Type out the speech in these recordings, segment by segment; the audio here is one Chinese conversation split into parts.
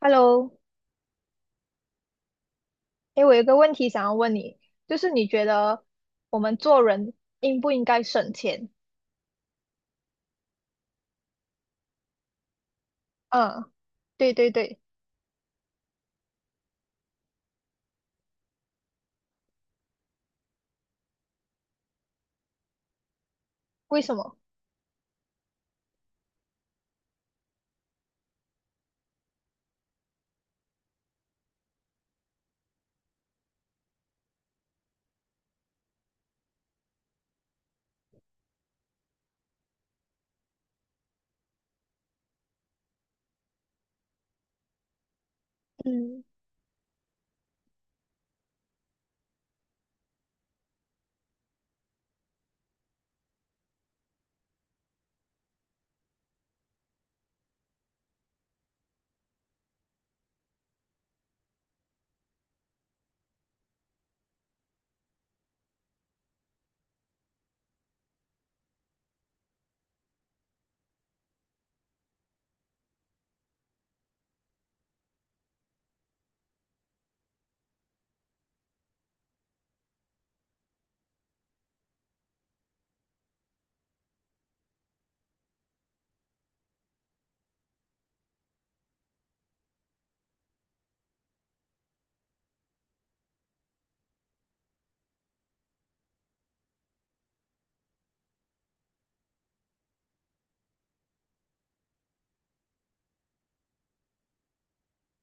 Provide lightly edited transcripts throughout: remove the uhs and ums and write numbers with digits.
Hello，哎，我有一个问题想要问你，就是你觉得我们做人应不应该省钱？嗯，对对对。为什么？嗯。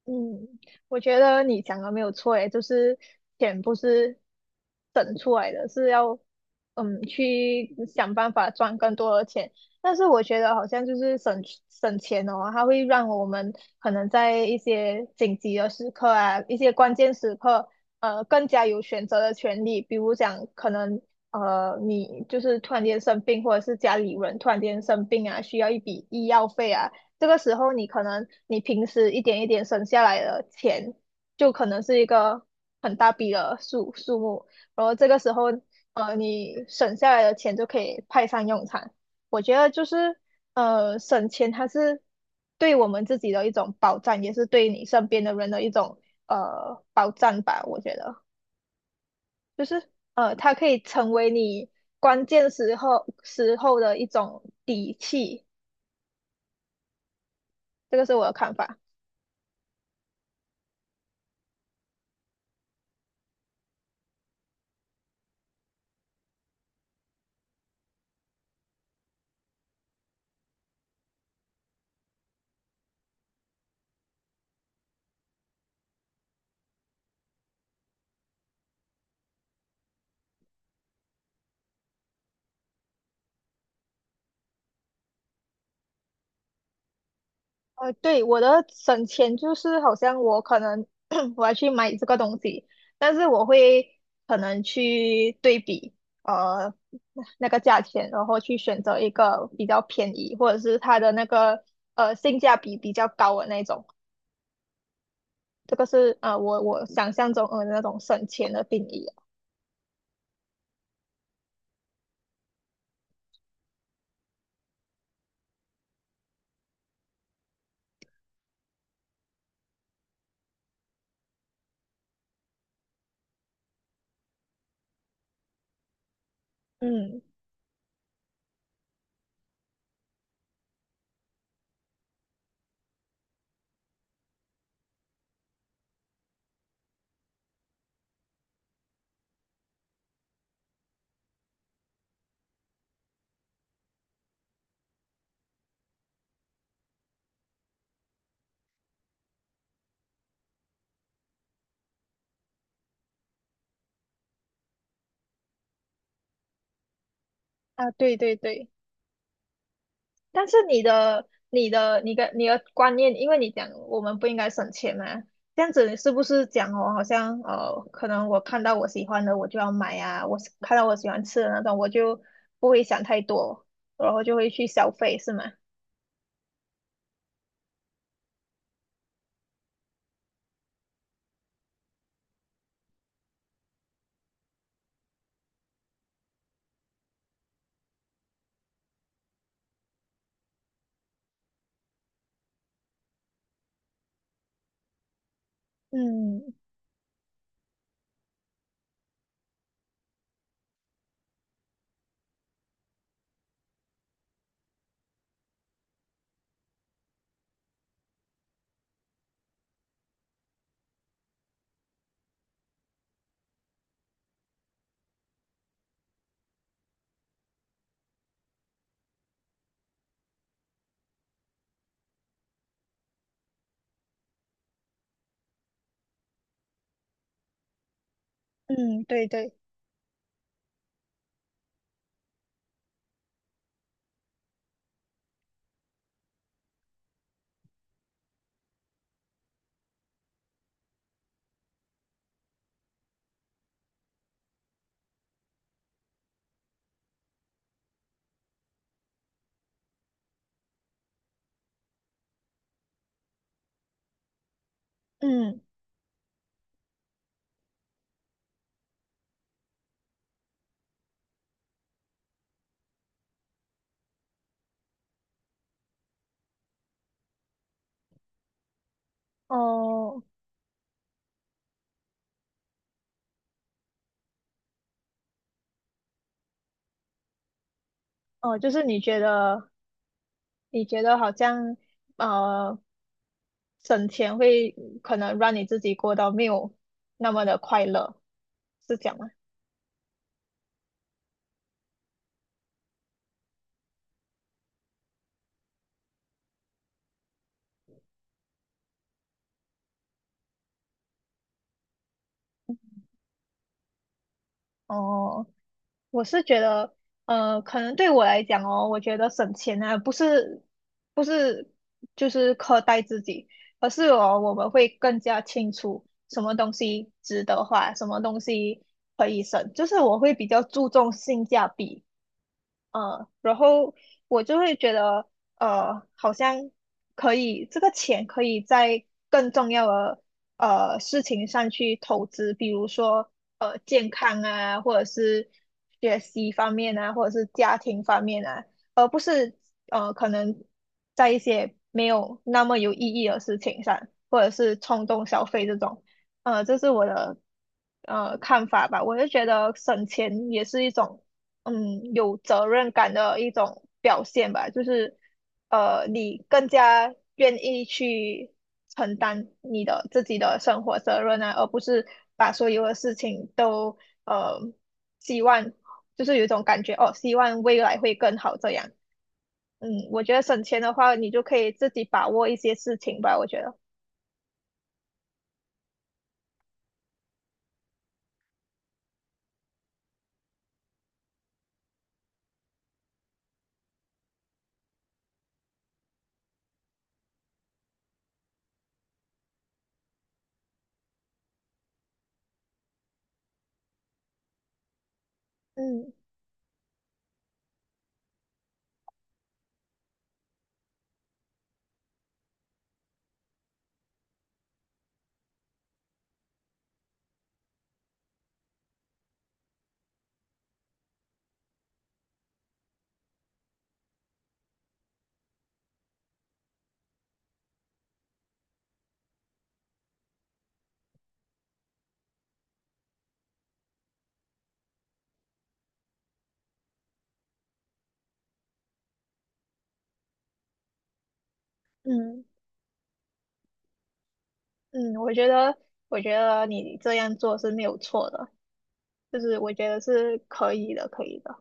嗯，我觉得你讲的没有错，诶，就是钱不是省出来的，是要去想办法赚更多的钱。但是我觉得好像就是省钱哦，它会让我们可能在一些紧急的时刻啊，一些关键时刻，更加有选择的权利。比如讲，可能你就是突然间生病，或者是家里人突然间生病啊，需要一笔医药费啊。这个时候你可能你平时一点一点省下来的钱，就可能是一个很大笔的数目，然后这个时候你省下来的钱就可以派上用场。我觉得就是省钱它是对我们自己的一种保障，也是对你身边的人的一种保障吧。我觉得就是它可以成为你关键时候的一种底气，这个是我的看法。对，我的省钱就是好像我可能 我要去买这个东西，但是我会可能去对比呃那个价钱，然后去选择一个比较便宜或者是它的那个性价比比较高的那种。这个是啊、我想象中那种省钱的定义啊。嗯啊，对对对。但是你的观念，因为你讲我们不应该省钱嘛，这样子是不是讲哦？好像可能我看到我喜欢的我就要买啊，我是看到我喜欢吃的那种，我就不会想太多，然后就会去消费，是吗？嗯嗯，对对。嗯。哦哦，就是你觉得你觉得好像呃省钱会可能让你自己过到没有那么的快乐，是这样吗？哦。我是觉得，可能对我来讲哦，我觉得省钱啊，不是就是苛待自己，而是哦，我们会更加清楚什么东西值得花，什么东西可以省，就是我会比较注重性价比。然后我就会觉得，好像可以，这个钱可以在更重要的事情上去投资，比如说健康啊，或者是学习方面啊，或者是家庭方面啊。是可能在一些没有那么有意义的事情上，或者是冲动消费这种，这是我的看法吧。我就觉得省钱也是一种有责任感的一种表现吧，就是你更加愿意去承担你的自己的生活责任啊，而不是把所有的事情都呃希望。就是有一种感觉哦，希望未来会更好这样。嗯，我觉得省钱的话，你就可以自己把握一些事情吧，我觉得。嗯嗯嗯，我觉得，我觉得你这样做是没有错的，就是我觉得是可以的，可以的。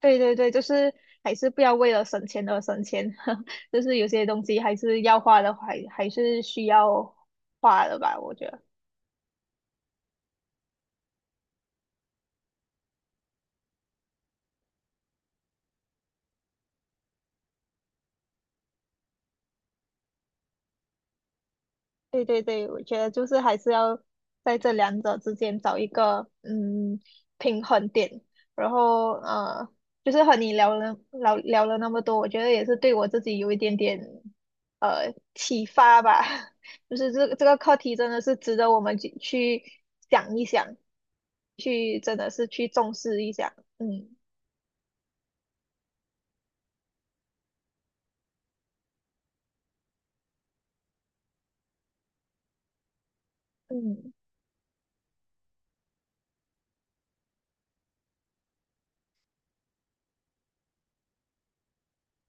对对对，就是还是不要为了省钱而省钱，就是有些东西还是要花的，还是需要花的吧，我觉得。对对对，我觉得就是还是要在这两者之间找一个平衡点。然后就是和你聊了那么多，我觉得也是对我自己有一点点启发吧。就是这个课题真的是值得我们去想一想，去真的是去重视一下。嗯嗯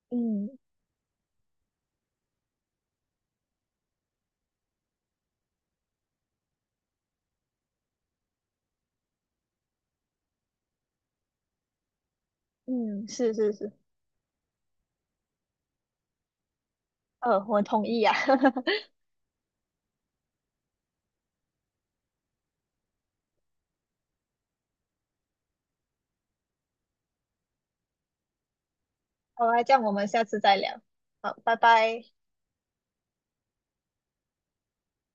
嗯嗯，是是是。我同意呀、好啊，这样我们下次再聊。好，拜拜。